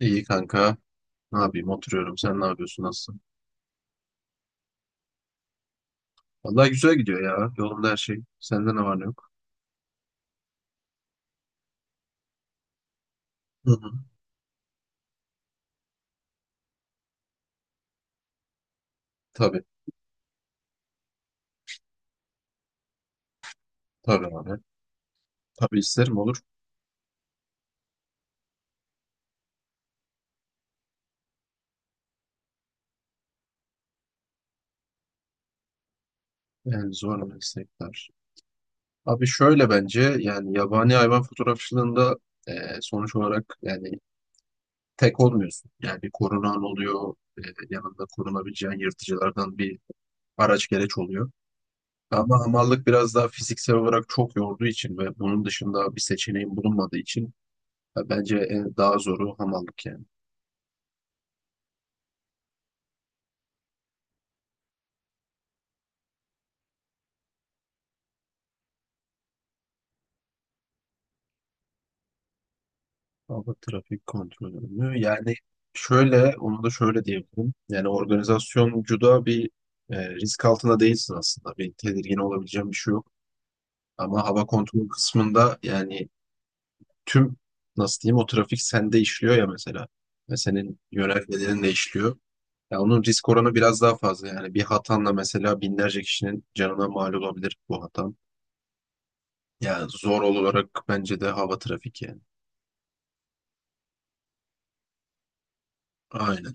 İyi kanka. Ne yapayım? Oturuyorum. Sen ne yapıyorsun? Nasılsın? Vallahi güzel gidiyor ya. Yolunda her şey. Sende ne var ne yok? Hı hı. Tabii. Tabii abi. Tabii isterim olur. Yani zor meslekler. Abi şöyle bence yani yabani hayvan fotoğrafçılığında e, sonuç olarak yani tek olmuyorsun. Yani bir korunan oluyor. Yanında korunabileceğin yırtıcılardan bir araç gereç oluyor. Ama hamallık biraz daha fiziksel olarak çok yorduğu için ve bunun dışında bir seçeneğin bulunmadığı için ya bence en daha zoru hamallık yani. Hava trafik kontrolü. Yani şöyle, onu da şöyle diyebilirim. Yani organizasyoncuda bir risk altında değilsin aslında. Bir tedirgin olabileceğin bir şey yok. Ama hava kontrolü kısmında yani tüm nasıl diyeyim o trafik sende işliyor ya mesela. Ve senin yönergelerin de işliyor. Ya onun risk oranı biraz daha fazla. Yani bir hatanla mesela binlerce kişinin canına mal olabilir bu hatan. Yani zor olarak bence de hava trafik yani. Aynen.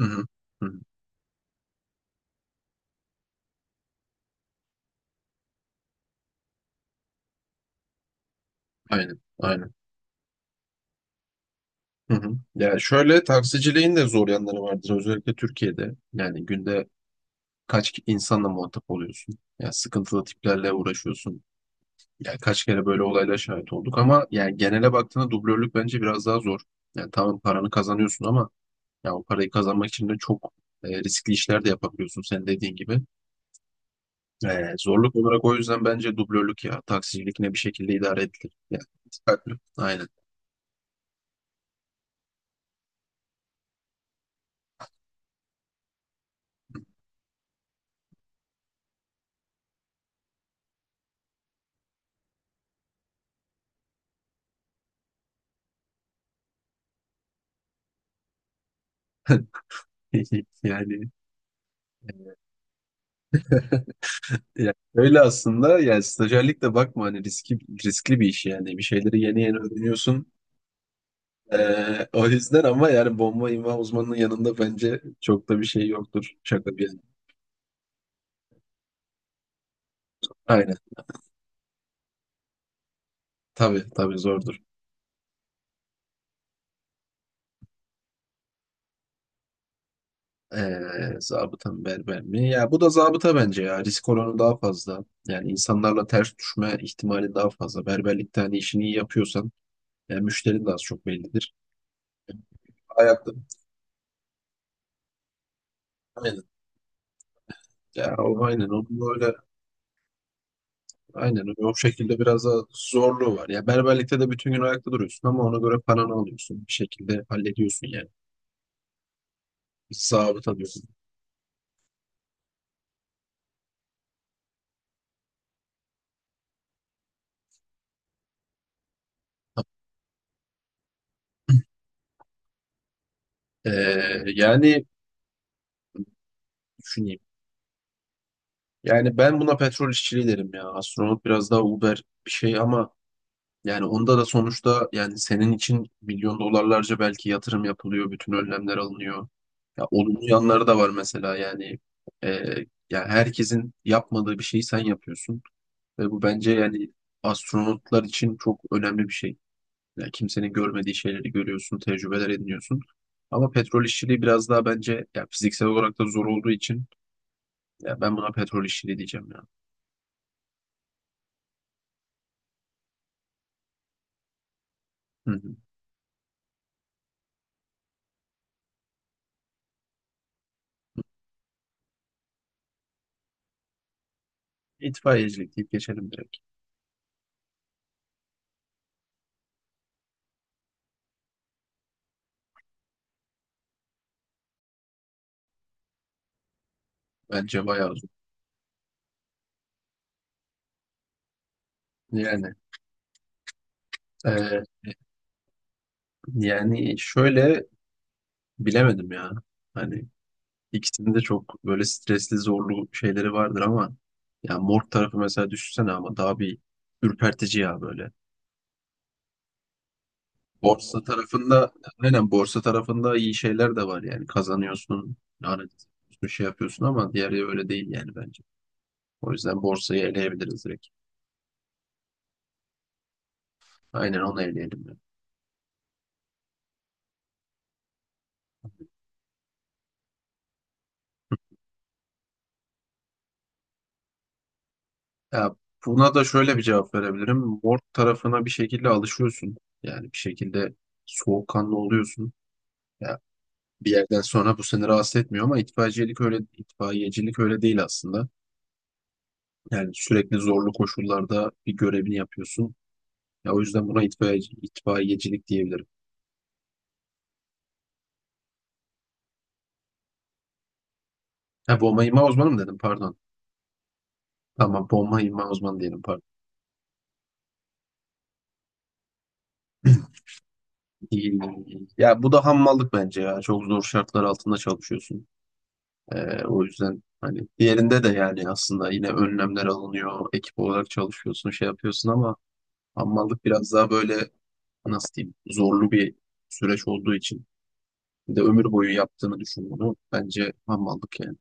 Hı hı. Hı hı. Aynen. Aynen. Hı hı. Ya şöyle taksiciliğin de zor yanları vardır özellikle Türkiye'de. Yani günde kaç insanla muhatap oluyorsun? Ya sıkıntılı tiplerle uğraşıyorsun. Ya kaç kere böyle olaylara şahit olduk ama yani genele baktığında dublörlük bence biraz daha zor. Yani tamam paranı kazanıyorsun ama ya o parayı kazanmak için de çok riskli işler de yapabiliyorsun senin dediğin gibi. Zorluk olarak o yüzden bence dublörlük ya taksicilik ne bir şekilde idare edilir. Yani, aynen. Yani e, yani öyle aslında yani stajyerlik de bakma hani riskli bir iş yani bir şeyleri yeni yeni öğreniyorsun. O yüzden ama yani bomba imha uzmanının yanında bence çok da bir şey yoktur. Şaka bir yana. Aynen. Tabii tabii zordur. Zabıta mı berber mi? Ya bu da zabıta bence ya. Risk oranı daha fazla. Yani insanlarla ters düşme ihtimali daha fazla. Berberlikte hani işini iyi yapıyorsan yani müşterin de az çok bellidir. Ayakta. Aynen. Ya o aynen. Onu böyle aynen öyle. O şekilde biraz daha zorluğu var. Ya berberlikte de bütün gün ayakta duruyorsun ama ona göre paranı alıyorsun. Bir şekilde hallediyorsun yani. Bir zabıt alıyorsun. Ee, Yani düşüneyim. Yani ben buna petrol işçiliği derim ya. Astronot biraz daha Uber bir şey ama yani onda da sonuçta yani senin için milyon dolarlarca belki yatırım yapılıyor. Bütün önlemler alınıyor. Ya olumlu yanları da var mesela yani. Ee, Ya herkesin yapmadığı bir şeyi sen yapıyorsun. Ve bu bence yani astronotlar için çok önemli bir şey. Yani kimsenin görmediği şeyleri görüyorsun, tecrübeler ediniyorsun. Ama petrol işçiliği biraz daha bence ya fiziksel olarak da zor olduğu için ya ben buna petrol işçiliği diyeceğim ya. Hı hı. İtfaiyecilik deyip geçelim direkt. Bence bayağı zor. Yani e, yani şöyle bilemedim ya. Hani ikisinin de çok böyle stresli zorlu şeyleri vardır ama ya morg tarafı mesela düşünsene ama daha bir ürpertici ya böyle. Borsa tarafında aynen borsa tarafında iyi şeyler de var yani kazanıyorsun, analiz bir şey yapıyorsun ama diğeri öyle değil yani bence. O yüzden borsayı eleyebiliriz direkt. Aynen onu eleyelim. Yani. Ya buna da şöyle bir cevap verebilirim. Borsa tarafına bir şekilde alışıyorsun. Yani bir şekilde soğukkanlı oluyorsun. Ya bir yerden sonra bu seni rahatsız etmiyor ama itfaiyecilik öyle değil aslında. Yani sürekli zorlu koşullarda bir görevini yapıyorsun. Ya o yüzden buna itfaiyecilik diyebilirim. Ha, bomba imha uzmanı mı dedim pardon. Tamam bomba imha uzmanı diyelim pardon. İyi, iyi, Ya bu da hammallık bence ya. Çok zor şartlar altında çalışıyorsun. O yüzden hani diğerinde de yani aslında yine önlemler alınıyor. Ekip olarak çalışıyorsun, şey yapıyorsun ama hammallık biraz daha böyle nasıl diyeyim zorlu bir süreç olduğu için. Bir de ömür boyu yaptığını düşün bunu. Bence hammallık yani.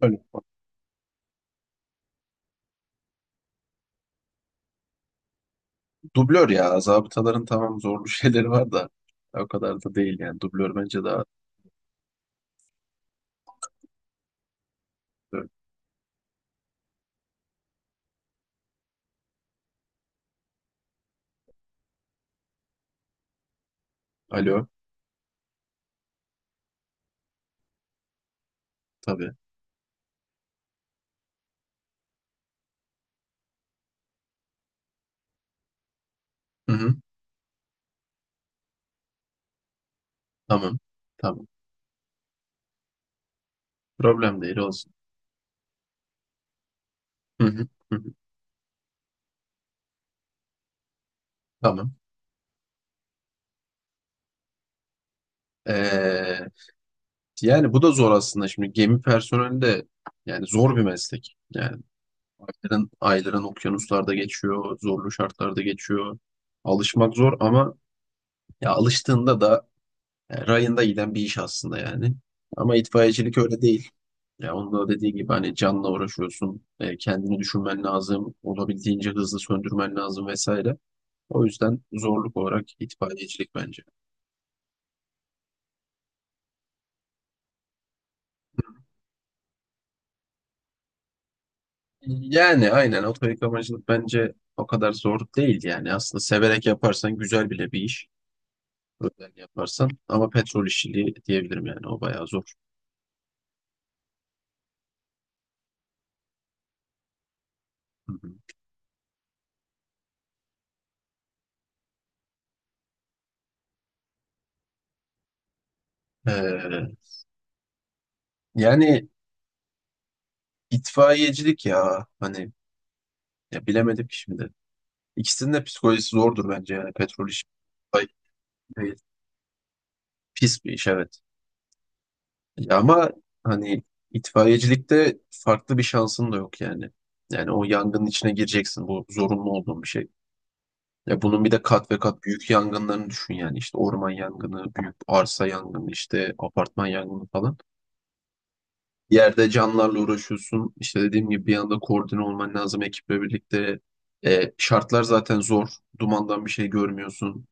Öyle. Dublör ya. Zabıtaların tamam zorlu şeyleri var da o kadar da değil yani. Dublör bence daha... Evet. Alo. Tabii. Hı hı. Tamam. Tamam. Problem değil olsun. Hı hı. Hı hı. Tamam. Ee, Yani bu da zor aslında. Şimdi gemi personeli de yani zor bir meslek. Yani ayların okyanuslarda geçiyor, zorlu şartlarda geçiyor. Alışmak zor ama ya alıştığında da yani rayında giden bir iş aslında yani. Ama itfaiyecilik öyle değil. Ya onun da dediği gibi hani canla uğraşıyorsun, kendini düşünmen lazım, olabildiğince hızlı söndürmen lazım vesaire. O yüzden zorluk olarak itfaiyecilik bence. Yani aynen oto yıkamacılık bence o kadar zor değil yani. Aslında severek yaparsan güzel bile bir iş. Özel yaparsan. Ama petrol işçiliği diyebilirim yani. O bayağı zor. Hı hı. Ee, Yani itfaiyecilik ya hani ya bilemedim ki şimdi. İkisinin de psikolojisi zordur bence yani petrol işi kolay değil. Pis bir iş evet. Ya ama hani itfaiyecilikte farklı bir şansın da yok yani. Yani o yangının içine gireceksin. Bu zorunlu olduğun bir şey. Ya bunun bir de kat ve kat büyük yangınlarını düşün yani. İşte orman yangını, büyük arsa yangını, işte apartman yangını falan. Yerde canlarla uğraşıyorsun. İşte dediğim gibi bir anda koordine olman lazım ekiple birlikte. Şartlar zaten zor. Dumandan bir şey görmüyorsun.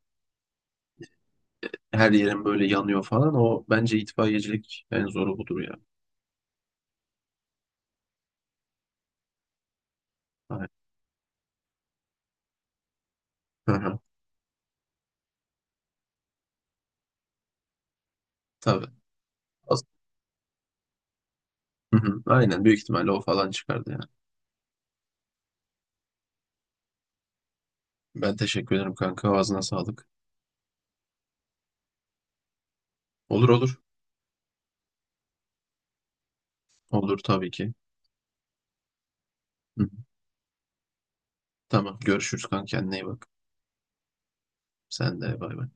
Her yerin böyle yanıyor falan. O bence itfaiyecilik en zoru budur ya. Evet. Hı hı. Tabii. Hı hı, aynen büyük ihtimalle o falan çıkardı yani. Ben teşekkür ederim kanka. Ağzına sağlık. Olur olur. Olur tabii ki. Hı hı. Tamam görüşürüz kanka kendine iyi bak. Sen de bay bay.